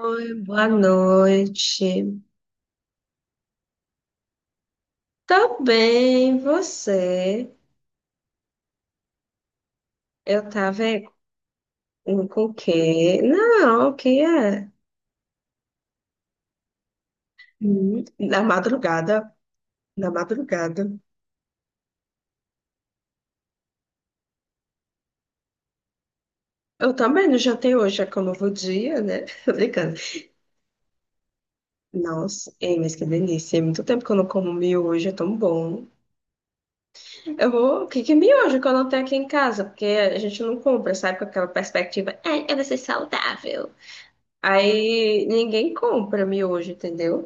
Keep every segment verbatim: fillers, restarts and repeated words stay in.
Oi, boa noite. Tá bem, você? Eu tava em- com o quê? Não, o que é? Hum, Na madrugada, na madrugada. Eu também não jantei hoje, é que é um novo dia, né? Tô brincando. Nossa, ei, mas que delícia. É muito tempo que eu não como miojo, é tão bom. Eu vou... O que que é miojo que eu não tenho aqui em casa? Porque a gente não compra, sabe? Com aquela perspectiva, é, eu vou ser saudável. Aí ninguém compra miojo, entendeu?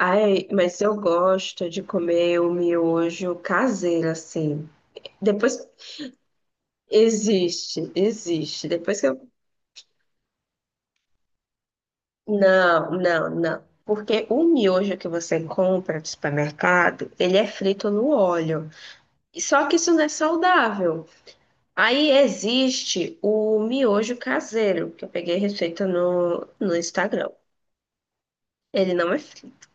Ai, mas eu gosto de comer o miojo caseiro, assim. Depois, existe, existe. Depois que eu... Não, não, não. Porque o miojo que você compra no supermercado, ele é frito no óleo. Só que isso não é saudável. Aí existe o miojo caseiro, que eu peguei a receita no, no Instagram. Ele não é frito.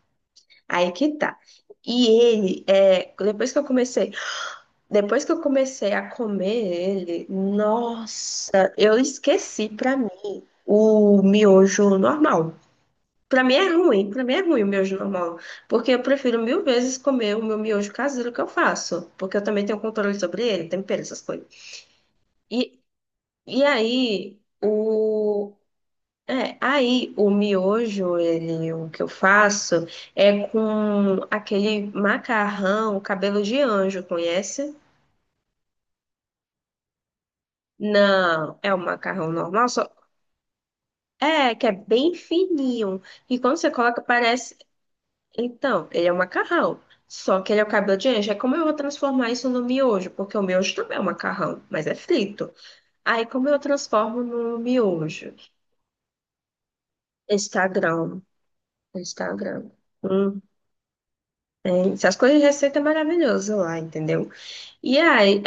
Aí que tá. E ele, é, depois que eu comecei Depois que eu comecei a comer ele, nossa, eu esqueci pra mim o miojo normal. Pra mim é ruim, pra mim é ruim o miojo normal, porque eu prefiro mil vezes comer o meu miojo caseiro que eu faço, porque eu também tenho controle sobre ele, tempero, essas coisas. E, e aí, o é, aí o miojo, ele, o que eu faço é com aquele macarrão, cabelo de anjo, conhece? Não, é um macarrão normal, só é que é bem fininho. E quando você coloca, parece. Então, ele é um macarrão. Só que ele é o cabelo de anjo. É como eu vou transformar isso no miojo, porque o miojo também é um macarrão, mas é frito. Aí, como eu transformo no miojo? Instagram. Instagram. Hum, tem. Essas coisas de receita é maravilhoso lá, entendeu? E aí,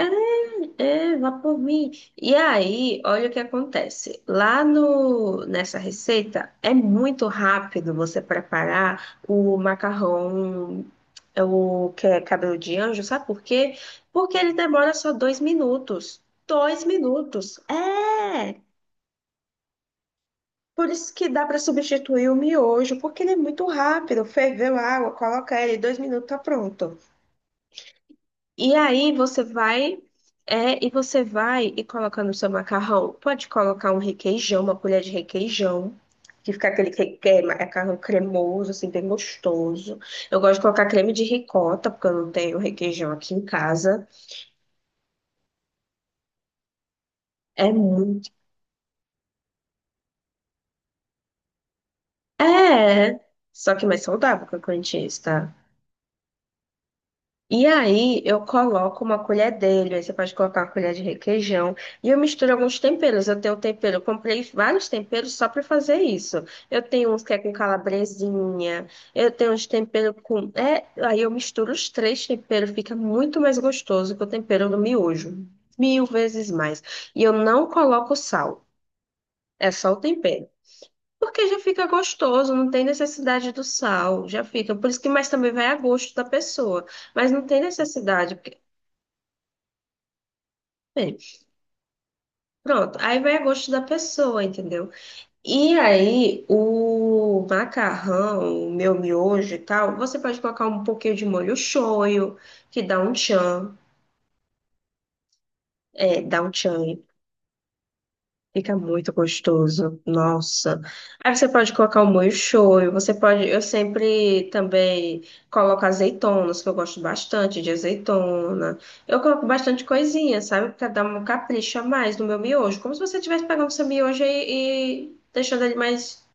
é, é, vá por mim. E aí, olha o que acontece. Lá no, nessa receita, é muito rápido você preparar o macarrão, é o que é cabelo de anjo, sabe por quê? Porque ele demora só dois minutos. Dois minutos. É! Por isso que dá para substituir o miojo, porque ele é muito rápido. Ferveu a água, coloca ele, dois minutos, tá pronto. E aí você vai, é, e você vai e colocando no seu macarrão. Pode colocar um requeijão, uma colher de requeijão, que fica aquele que, que- macarrão cremoso, assim, bem gostoso. Eu gosto de colocar creme de ricota, porque eu não tenho requeijão aqui em casa. É muito. É, só que mais saudável que o Corinthians, tá? E aí eu coloco uma colher dele, aí você pode colocar uma colher de requeijão, e eu misturo alguns temperos. Eu tenho um tempero, eu comprei vários temperos só para fazer isso. Eu tenho uns que é com calabresinha, eu tenho uns temperos com, é, aí eu misturo os três temperos, fica muito mais gostoso que o tempero do miojo, mil vezes mais. E eu não coloco sal, é só o tempero. Porque já fica gostoso, não tem necessidade do sal, já fica. Por isso que mais também vai a gosto da pessoa. Mas não tem necessidade. Bem, pronto, aí vai a gosto da pessoa, entendeu? E aí, o macarrão, o meu miojo e tal, você pode colocar um pouquinho de molho shoyu, que dá um tchan, é, dá um tchan. Fica muito gostoso. Nossa. Aí você pode colocar o molho shoyu, você pode, eu sempre também coloco azeitonas, que eu gosto bastante de azeitona. Eu coloco bastante coisinha, sabe? Pra dar um capricho a mais no meu miojo, como se você estivesse pegando seu miojo e, e deixando ele mais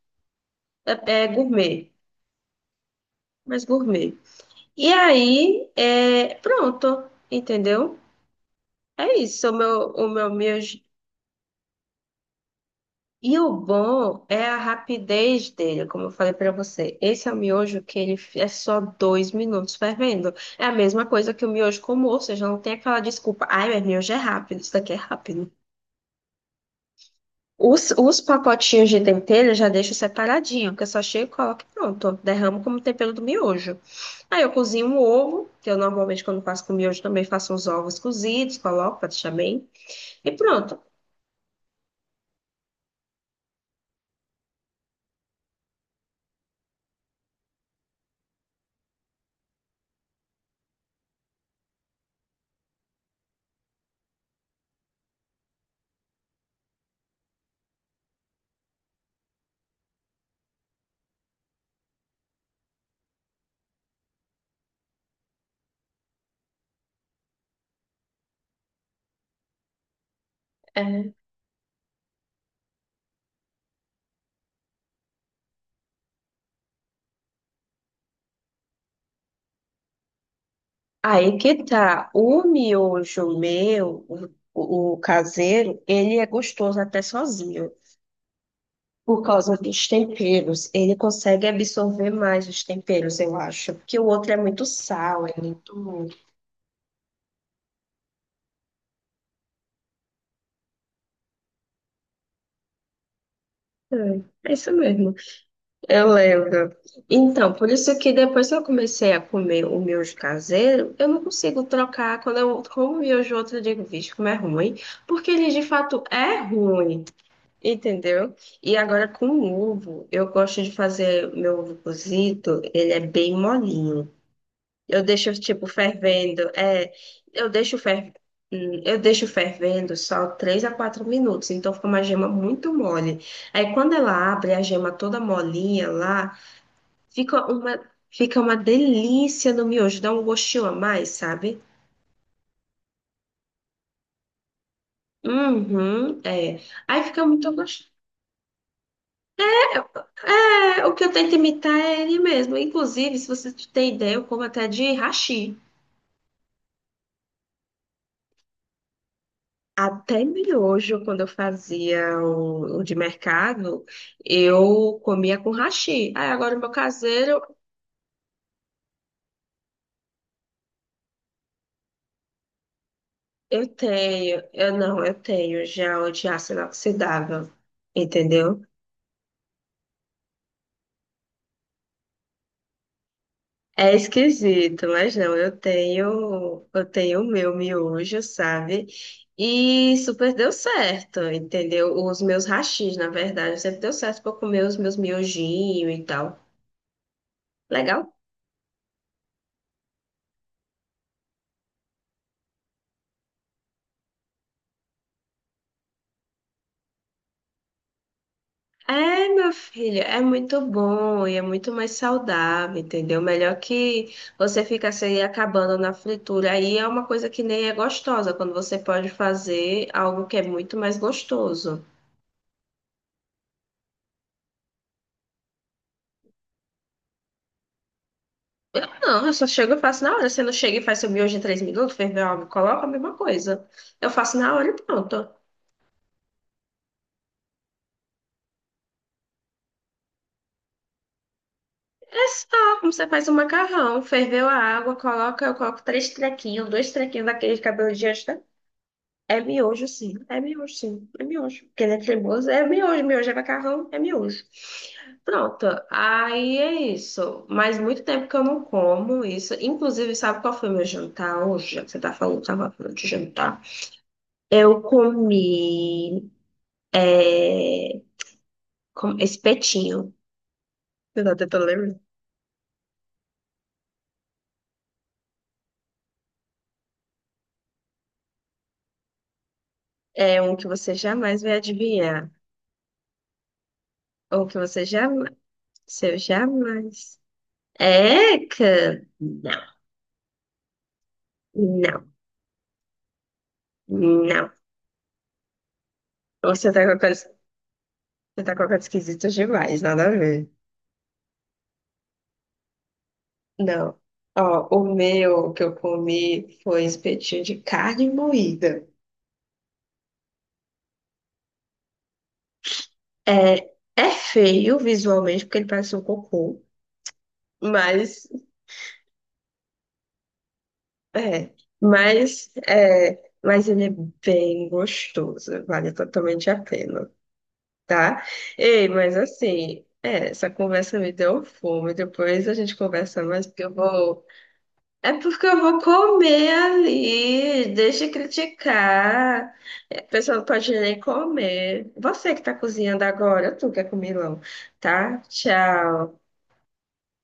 é, é, gourmet, mais gourmet. E aí, é, pronto, entendeu? É isso, o meu, o meu miojo. E o bom é a rapidez dele, como eu falei pra você. Esse é o miojo que ele f- é só dois minutos fervendo. É a mesma coisa que o miojo, com ou seja, não tem aquela desculpa. Ai, meu miojo é rápido, isso daqui é rápido. Os, os pacotinhos de tempero eu já deixo separadinho, que eu só chego e coloco e pronto. Derramo como tempero do miojo. Aí eu cozinho um ovo, que eu normalmente quando faço com miojo também faço uns ovos cozidos, coloco pra deixar bem. E pronto. Aí que tá. O miojo meu, o, o caseiro, ele é gostoso até sozinho. Por causa dos temperos, ele consegue absorver mais os temperos, eu acho. Porque o outro é muito sal, é muito. É, é isso mesmo. Eu lembro. Então, por isso que depois que eu comecei a comer o miojo caseiro, eu não consigo trocar. Quando eu como miojo outro, eu digo, vixe, como é ruim. Porque ele de fato é ruim. Entendeu? E agora com o ovo, eu gosto de fazer meu ovo cozido, ele é bem molinho. Eu deixo tipo fervendo, é, eu deixo fer, hum, eu deixo fervendo só três a quatro minutos, então fica uma gema muito mole. Aí quando ela abre a gema toda molinha lá, fica uma fica uma delícia no miojo, dá um gostinho a mais, sabe? Uhum, é. Aí fica muito gostoso. É, o que eu tento imitar é ele mesmo. Inclusive, se você tem ideia, eu como até de hashi. Até miojo, quando eu fazia o, o de mercado, eu comia com hashi. Aí agora o meu caseiro, eu tenho, eu não, eu tenho já o de aço inoxidável, entendeu? É esquisito, mas não, eu tenho, eu tenho o meu miojo, sabe? E super deu certo, entendeu? Os meus hashis, na verdade, sempre deu certo para comer os meus miojinhos e tal. Legal? É, meu filho, é muito bom e é muito mais saudável, entendeu? Melhor que você ficar se aí acabando na fritura. Aí é uma coisa que nem é gostosa, quando você pode fazer algo que é muito mais gostoso. Eu não, eu só chego e faço na hora. Você não chega e faz seu miojo em três minutos, ferveu água, coloca a mesma coisa. Eu faço na hora e pronto. É só como você faz o macarrão. Ferveu a água, coloca, eu coloco três trequinhos, dois trequinhos daquele cabelo de anjo. É miojo, sim. É miojo, sim. É miojo. Porque ele é cremoso. É miojo, miojo é macarrão, é miojo. Pronto, aí é isso. Mas muito tempo que eu não como isso. Inclusive, sabe qual foi o meu jantar hoje? Já que você tá falando, tava falando de jantar. Eu comi. É... como- Espetinho. Eu tô tentando lembrar. É um que você jamais vai adivinhar. Ou que você jamais. Seu jamais. Eca! Não, não, não. Você tá com a coisa, você tá com a coisa esquisita demais, nada a ver. Não. Ó, o meu que eu comi foi espetinho de carne moída. É, é feio visualmente, porque ele parece um cocô, mas É, mas, é, mas ele é bem gostoso, vale totalmente a pena, tá? Ei, mas assim, é, essa conversa me deu fome, depois a gente conversa mais, porque eu vou. É porque eu vou comer ali, deixa de criticar. É, a pessoa não pode nem comer. Você que tá cozinhando agora, tu que é comilão, tá? Tchau.